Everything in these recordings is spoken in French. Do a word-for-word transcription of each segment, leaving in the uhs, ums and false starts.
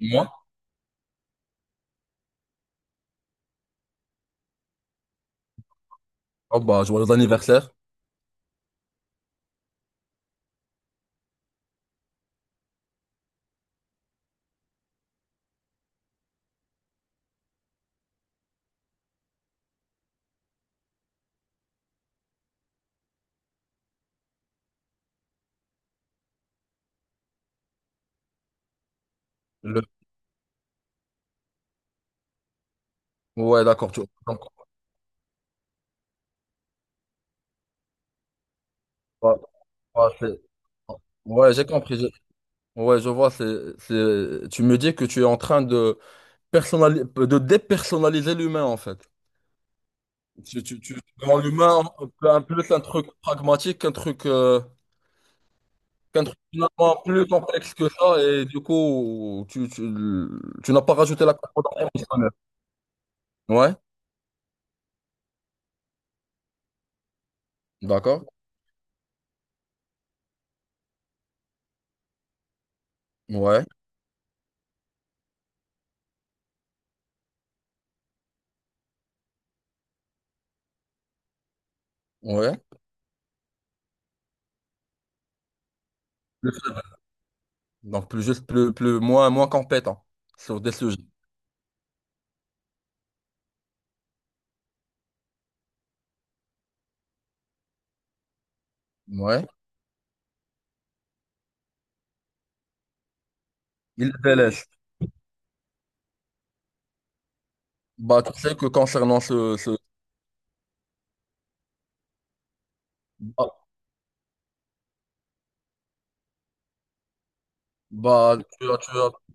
Moi? Oh bah, joyeux anniversaire. Le... Ouais, d'accord. Tu... donc, bah, bah, c'est- ouais, j'ai compris. j'ai- Ouais, je vois. C'est, c'est... Tu me dis que tu es en train de, personnali- de dépersonnaliser l'humain, en fait. Tu, tu, tu... tu rends l'humain un peu un- plus un truc pragmatique, un truc, euh, qu'un truc finalement plus complexe que ça. Et du coup, tu, tu, tu n'as pas rajouté la composante émotionnelle. Ouais, d'accord. Ouais, ouais. Donc, plus juste, plus, plus, moins, moins compétent sur des sujets. Ouais, il les délaisse. Bah, tu sais que concernant ce, ce... Bah, bah, tu as, tu as-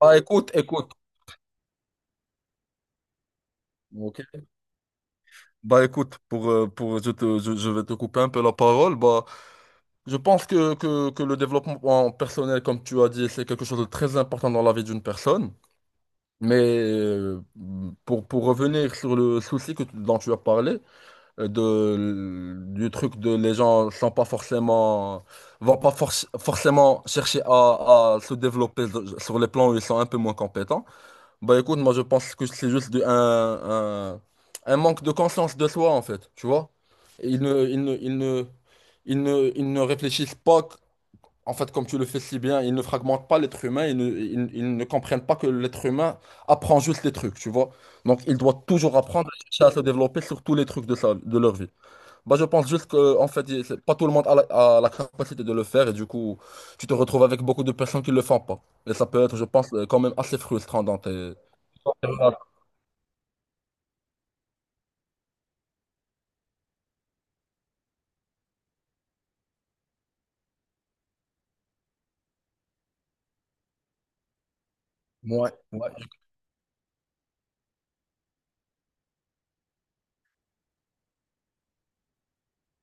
Bah, écoute, écoute. Ok. Bah, écoute, pour, euh, pour, je te, je, je vais te couper un peu la parole. Bah, je pense que, que, que le développement personnel, comme tu as dit, c'est quelque chose de très important dans la vie d'une personne. Mais euh, pour, pour revenir sur le souci que, tu- dont tu as parlé, euh, de, du truc de les gens sont pas forcément vont pas forc- forcément chercher à, à se développer sur les plans où ils sont un peu moins compétents. Bah écoute, moi je pense que c'est juste du- un, un, un manque de conscience de soi en fait, tu vois. Ils ne, ils ne, ils ne, ils ne, ils ne réfléchissent pas, qu- en fait, comme tu le fais si bien, ils ne fragmentent pas l'être humain, ils ne, ils, ils ne comprennent pas que l'être humain apprend juste les trucs, tu vois. Donc il doit toujours apprendre à chercher à se développer sur tous les trucs de sa, de leur vie. Bah, je pense juste que, en fait, y- c'est- pas tout le monde a la, a la capacité de le faire et du coup, tu te retrouves avec beaucoup de personnes qui ne le font pas. Et ça peut être, je pense, euh, quand même assez frustrant dans tes... Ouais, ouais.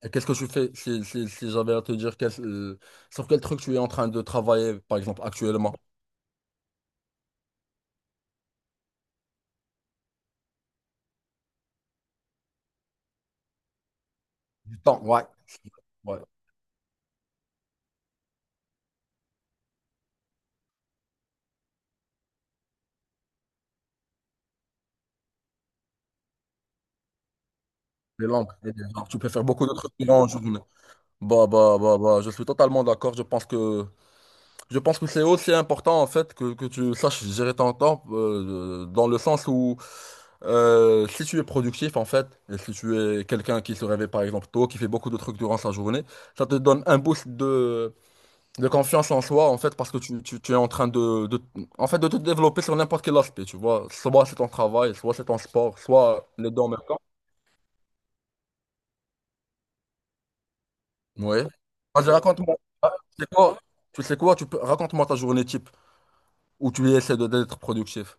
Et qu'est-ce que tu fais si, si, si j'avais à te dire quel- euh, sur quel truc tu es en train de travailler, par exemple, actuellement? Du temps. Ouais. Ouais. Les langues. Et les arts. Tu peux faire beaucoup de trucs durant journée. Bah, bah, bah, bah, je suis totalement d'accord. Je pense que, je pense que c'est aussi important, en fait, que, que tu saches gérer ton temps, euh, dans le sens où Euh, si tu es productif en fait, et si tu es quelqu'un qui se réveille par exemple tôt, qui fait beaucoup de trucs durant sa journée, ça te donne un boost de, de confiance en soi en fait parce que tu, tu- tu es en train de, de- en fait, de te développer sur n'importe quel aspect, tu vois. Soit c'est ton travail, soit c'est ton sport, soit les deux en même temps. Oui. Vas-y, raconte-moi. Ah, tu sais quoi? Tu sais quoi? Tu peux... Raconte-moi ta journée type où tu essaies de- d'être productif.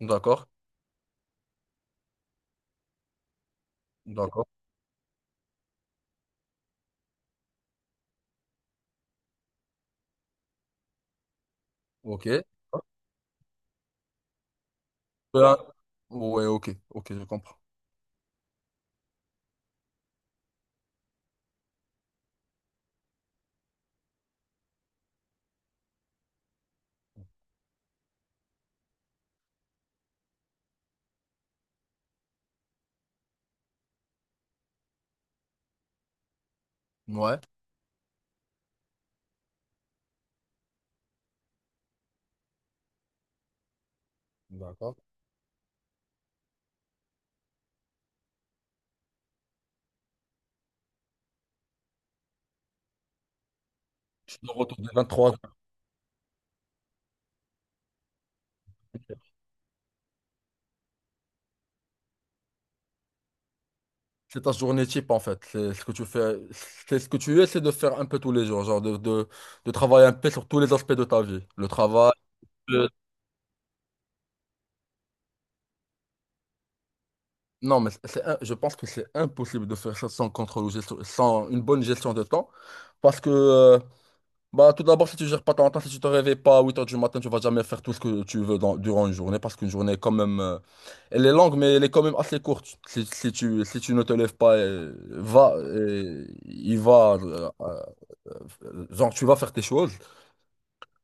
D'accord? D'accord. Ok. Euh, Ouais, ok. Ok, je comprends. Ouais. Tu dois vingt-trois heures. C'est ta journée type en fait. C'est ce que tu fais. C'est ce que tu essaies de faire un peu tous les jours. Genre de, de, de travailler un peu sur tous les aspects de ta vie. Le travail. le- Non, mais c'est, un- je pense que c'est impossible de faire ça sans contrôle ou gestion- sans une bonne gestion de temps. Parce que euh, bah, tout d'abord, si tu gères pas ton temps, si tu te réveilles pas à huit heures du matin, tu vas jamais faire tout ce que tu veux dans- durant une journée, parce qu'une journée est quand même, euh, elle est longue, mais elle est quand même assez courte. Si, si tu, si tu ne te lèves pas, euh, va, euh, il va, euh, euh, genre, tu vas faire tes choses.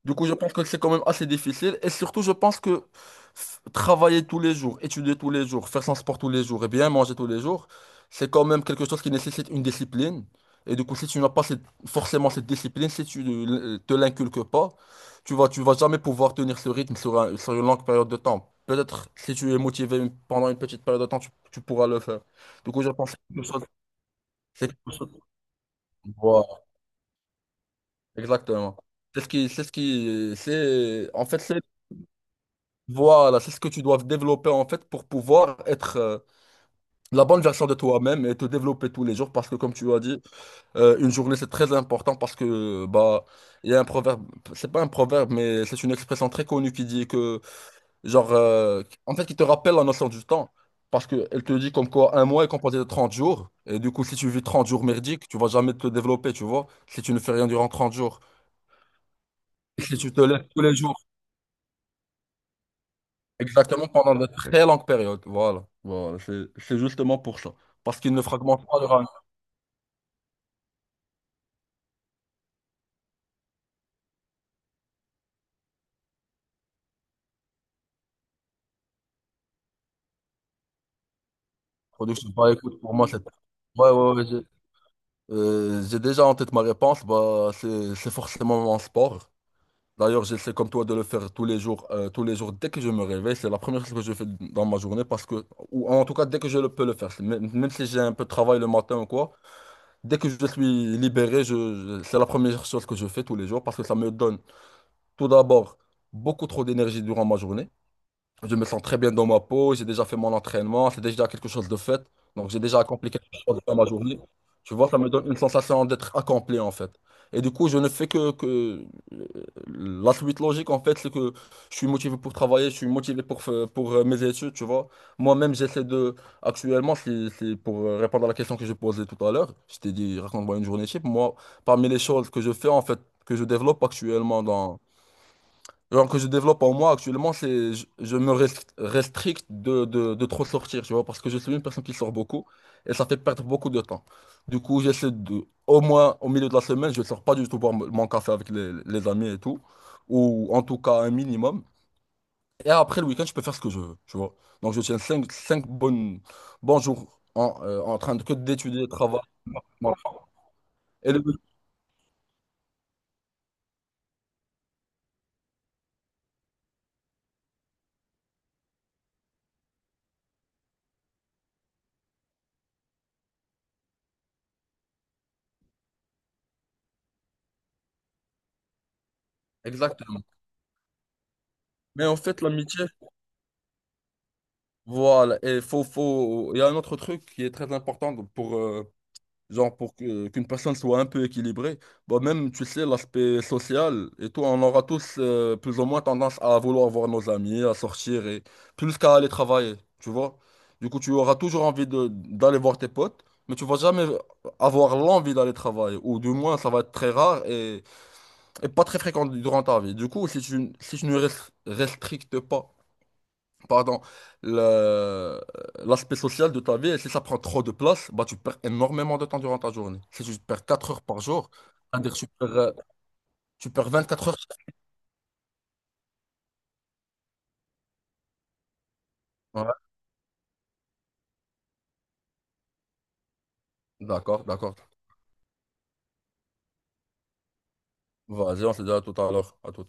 Du coup, je pense que c'est quand même assez difficile. Et surtout, je pense que f- travailler tous les jours, étudier tous les jours, faire son sport tous les jours et bien manger tous les jours, c'est quand même quelque chose qui nécessite une discipline. Et du coup, si tu n'as pas cette- forcément cette discipline, si tu ne euh, te l'inculques pas, tu vas, tu vas jamais pouvoir tenir ce rythme sur, un- sur une longue période de temps. Peut-être si tu es motivé une- pendant une petite période de temps, tu, tu pourras le faire. Du coup, je pense que c'est quelque chose- c'est quelque chose- Voilà, exactement. C'est ce qui, c'est ce qui, c'est, en fait, c'est Voilà, c'est ce que tu dois développer en fait pour pouvoir être euh, la bonne version de toi-même et te développer tous les jours parce que comme tu as dit, euh, une journée c'est très important parce que bah il y a un proverbe, c'est pas un proverbe mais c'est une expression très connue qui dit que genre euh, en fait qui te rappelle la notion du temps parce que elle te dit comme quoi un mois est composé de trente jours et du coup si tu vis trente jours merdiques, tu vas jamais te développer, tu vois, si tu ne fais rien durant trente jours. Et si tu te lèves tous les jours exactement pendant de très longues périodes. Voilà, voilà, c'est c'est justement pour ça. Parce qu'il ne fragmente pas le RAM. Production. Bah écoute, pour moi, c'est. Ouais, ouais, ouais, j'ai euh, j'ai déjà en tête ma réponse. Bah, c'est c'est forcément mon sport. D'ailleurs, j'essaie comme toi de le faire tous les jours, euh, tous les jours dès que je me réveille. C'est la première chose que je fais dans ma journée parce que, ou en tout cas, dès que je le peux le faire. C'est Même même si j'ai un peu de travail le matin ou quoi, dès que je suis libéré, je, je- c'est la première chose que je fais tous les jours parce que ça me donne tout d'abord beaucoup trop d'énergie durant ma journée. Je me sens très bien dans ma peau, j'ai déjà fait mon entraînement, c'est déjà quelque chose de fait. Donc j'ai déjà accompli quelque chose dans ma journée. Tu vois, ça me donne une sensation d'être accompli en fait. Et du coup, je ne fais que, que... euh, la suite logique en fait, c'est que je suis motivé pour travailler, je suis motivé pour, fa- pour euh, mes études, tu vois. Moi-même, j'essaie de... Actuellement, c'est c'est pour euh, répondre à la question que je posais tout à l'heure, je t'ai dit, raconte-moi une journée type. Moi, parmi les choses que je fais en fait, que je développe actuellement genre que je développe en moi actuellement, c'est je, je me rest- restricte de, de, de trop sortir, tu vois, parce que je suis une personne qui sort beaucoup et ça fait perdre beaucoup de temps. Du coup, j'essaie de, au moins au milieu de la semaine, je sors pas du tout boire m- mon café avec les, les amis et tout, ou en tout cas un minimum. Et après le week-end, je peux faire ce que je veux, tu vois. Donc je tiens cinq cinq bonnes, bons jours en, euh, en train de, que d'étudier, travailler. Voilà. Et le- Exactement. Mais en fait, l'amitié, voilà. Et faut, faut... Il y a un autre truc qui est très important pour, euh, genre pour que- qu'une personne soit un peu équilibrée, bah même, tu sais, l'aspect social et tout, on aura tous euh, plus ou moins tendance à vouloir voir nos amis, à sortir et plus qu'à aller travailler, tu vois. Du coup, tu auras toujours envie de d'aller voir tes potes, mais tu vas jamais avoir l'envie d'aller travailler, ou du moins, ça va être très rare et, et pas très fréquent durant ta vie. Du coup, si tu, si tu ne res- restrictes pas pardon, le- l'aspect social de ta vie. Et si ça prend trop de place, bah, tu perds énormément de temps durant ta journée. Si tu perds quatre heures par jour, c'est-à-dire que tu perds, euh, tu perds vingt-quatre heures. Ouais, d'accord, d'accord. Vas-y, on se dit à tout à l'heure, à tout.